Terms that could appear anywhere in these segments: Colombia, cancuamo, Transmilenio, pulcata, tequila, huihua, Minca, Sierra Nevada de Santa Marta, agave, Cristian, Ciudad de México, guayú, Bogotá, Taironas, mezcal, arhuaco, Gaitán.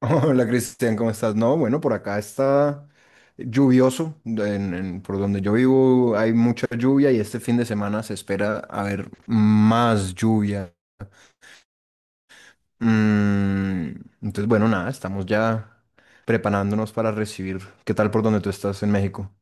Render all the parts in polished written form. Hola Cristian, ¿cómo estás? No, bueno, por acá está lluvioso, por donde yo vivo hay mucha lluvia y este fin de semana se espera haber más lluvia. Mm, entonces, bueno, nada, estamos ya preparándonos para recibir. ¿Qué tal por donde tú estás en México?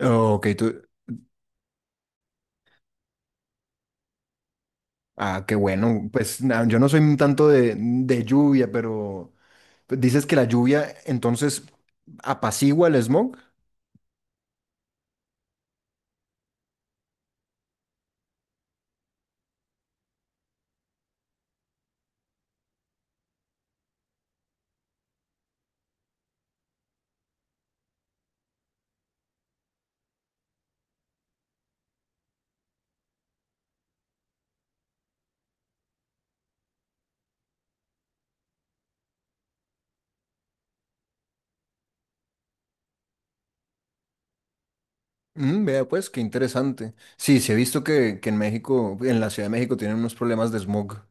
Oh, ok, tú, ah, qué bueno, pues yo no soy tanto de lluvia, pero pues, dices que la lluvia entonces apacigua el smog. Mm, vea pues, qué interesante. Sí, sí he visto que en México, en la Ciudad de México tienen unos problemas de smog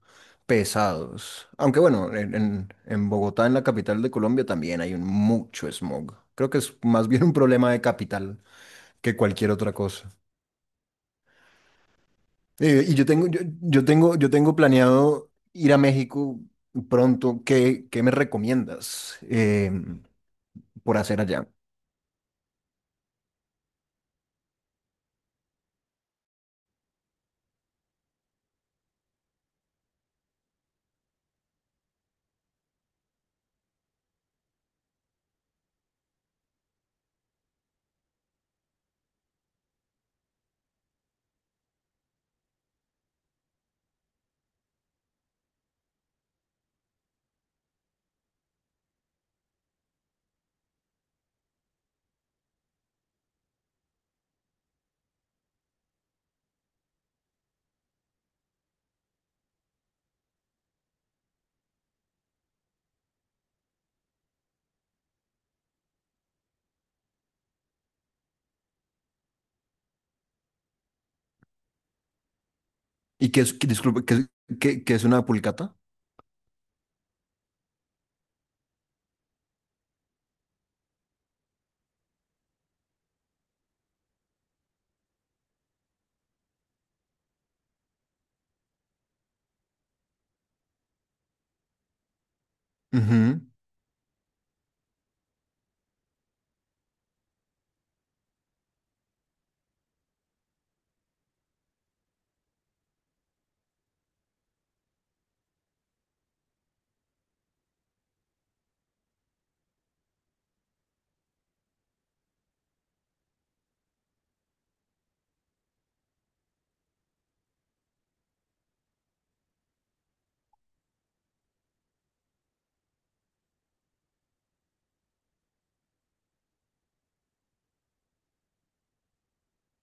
pesados. Aunque bueno, en Bogotá, en la capital de Colombia, también hay un mucho smog. Creo que es más bien un problema de capital que cualquier otra cosa. Yo tengo planeado ir a México pronto. ¿ qué me recomiendas por hacer allá? ¿Y qué es, que- disculpe, qué, es qué- qué es una pulcata? Ujú.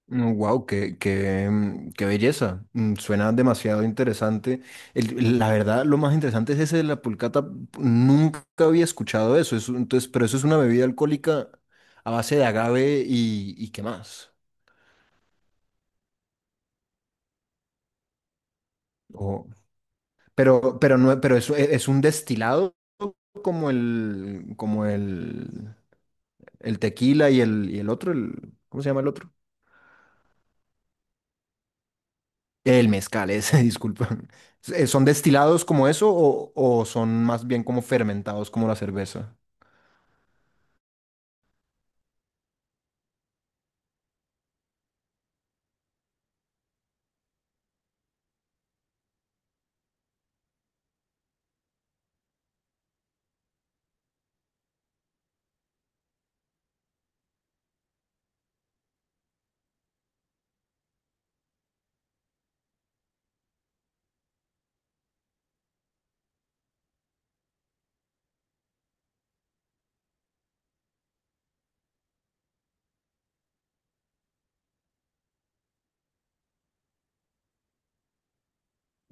Wow, qué belleza. Mm, suena demasiado interesante. La verdad, lo más interesante es ese de la pulcata. Nunca había escuchado eso. Entonces, pero eso es una bebida alcohólica a base de agave y qué más. O- pero no, pero eso es un destilado como el tequila y el otro, el, ¿cómo se llama el otro? El mezcal, ese, disculpa. ¿Son destilados como eso o son más bien como fermentados como la cerveza?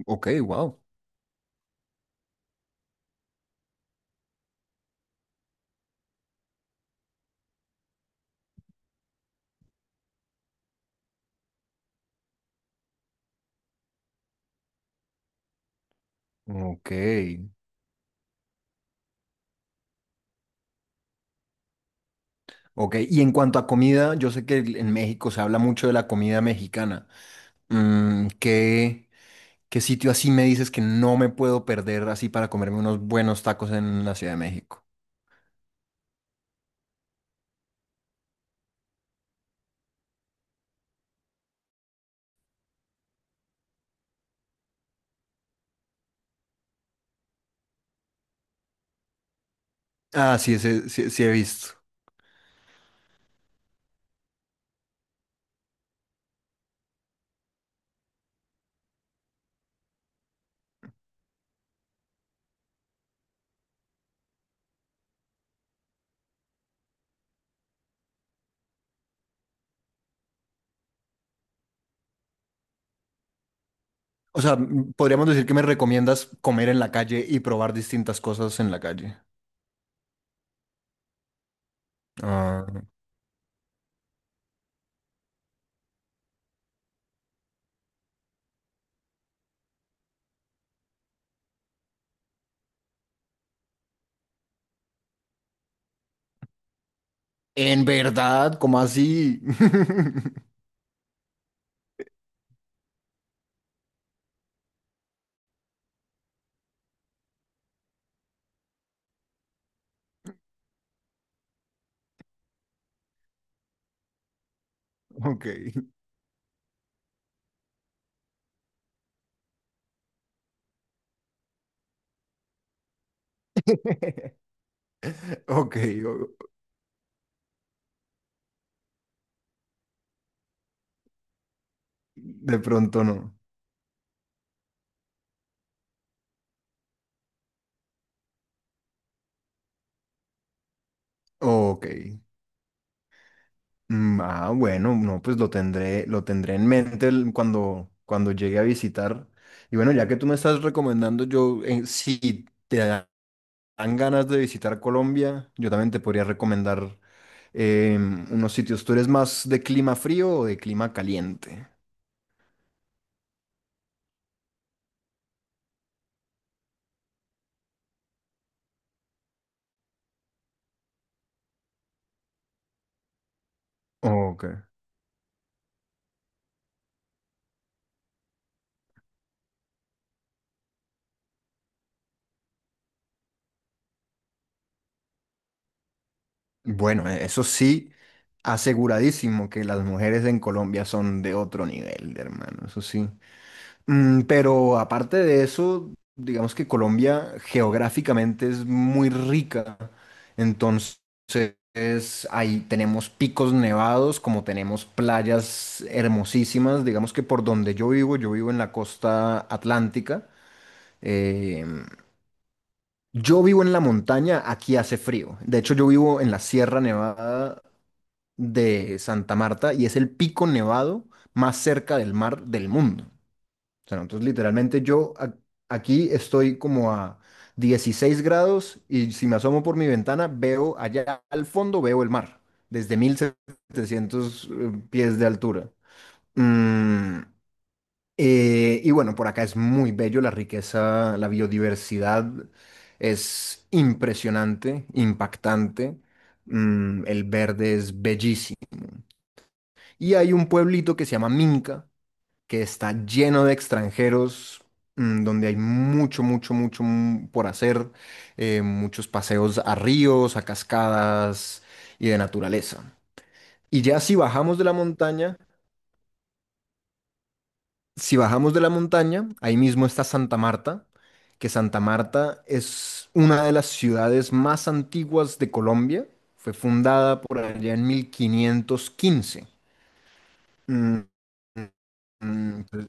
Ok, wow. Ok. Ok, y en cuanto a comida, yo sé que en México se habla mucho de la comida mexicana. Mm, ¿ qué sitio así me dices que no me puedo perder así para comerme unos buenos tacos en la Ciudad de México? Ah, sí, sí, sí he visto. O sea, mm, podríamos decir que me recomiendas comer en la calle y probar distintas cosas en la calle. Ah. ¿En verdad? ¿Cómo así? Ok, ok, o- de pronto no. Ok. Mm, ah, bueno, no, pues lo tendré en mente cuando, cuando llegue a visitar. Y bueno, ya que tú me estás recomendando, yo, si dan ganas de visitar Colombia, yo también te podría recomendar unos sitios. ¿Tú eres más de clima frío o de clima caliente? Ok. Bueno, e, eso sí, aseguradísimo que las mujeres en Colombia son de otro nivel, hermano, eso sí. Mm, pero aparte de eso, digamos que Colombia geográficamente es muy rica, entonces ahí tenemos picos nevados, como tenemos playas hermosísimas, digamos que por donde yo vivo en la costa atlántica. Eh, yo vivo en la montaña, aquí hace frío. De hecho, yo vivo en la Sierra Nevada de Santa Marta y es el pico nevado más cerca del mar del mundo. O sea, entonces literalmente yo aquí estoy como a 16 grados y si me asomo por mi ventana veo allá al fondo, veo el mar desde 1700 pies de altura. Mm, y bueno, por acá es muy bello la riqueza, la biodiversidad es impresionante, impactante. Mm, el verde es bellísimo. Y hay un pueblito que se llama Minca, que está lleno de extranjeros, mm, donde hay mucho, mucho, mucho mm, por hacer, muchos paseos a ríos, a cascadas y de naturaleza. Y ya si bajamos de la montaña, si bajamos de la montaña, ahí mismo está Santa Marta, que Santa Marta es una de las ciudades más antiguas de Colombia. Fue fundada por allá en 1515. Mm, mm, mm,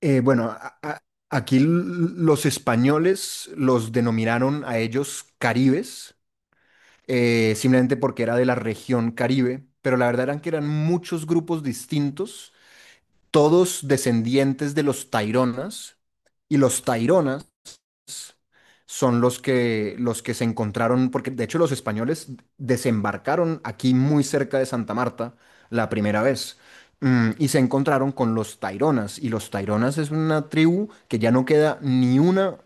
eh, bueno, aquí los españoles los denominaron a ellos caribes, simplemente porque era de la región Caribe, pero la verdad eran que eran muchos grupos distintos, todos descendientes de los Taironas, y los Taironas son los que se encontraron, porque de hecho los españoles desembarcaron aquí muy cerca de Santa Marta la primera vez. Mm, y se encontraron con los Taironas. Y los Taironas es una tribu que ya no queda ni una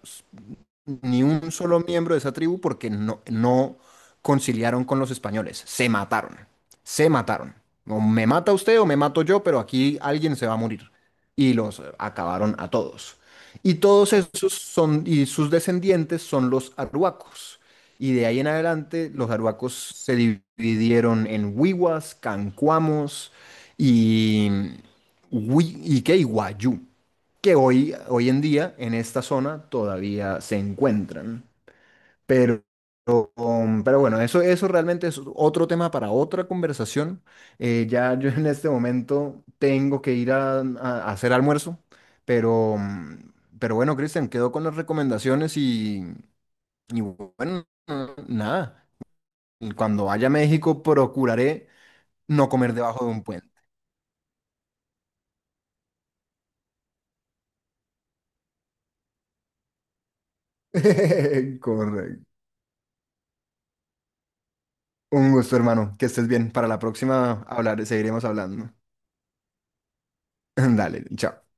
ni un solo miembro de esa tribu porque no, no conciliaron con los españoles. Se mataron. Se mataron. O me mata usted o me mato yo, pero aquí alguien se va a morir. Y los acabaron a todos. Y todos esos son, y sus descendientes son los arhuacos. Y de ahí en adelante, los arhuacos se dividieron en huihuas, cancuamos y, hui- ¿y qué? Y guayú que hoy, hoy en día en esta zona todavía se encuentran. Pero, pero bueno, eso realmente es otro tema para otra conversación. Ya yo en este momento tengo que ir a hacer almuerzo, pero, pero bueno, Cristian, quedo con las recomendaciones y bueno, nada. Cuando vaya a México procuraré no comer debajo de un puente. Correcto. Un gusto, hermano. Que estés bien. Para la próxima hablar, seguiremos hablando. Dale, chao.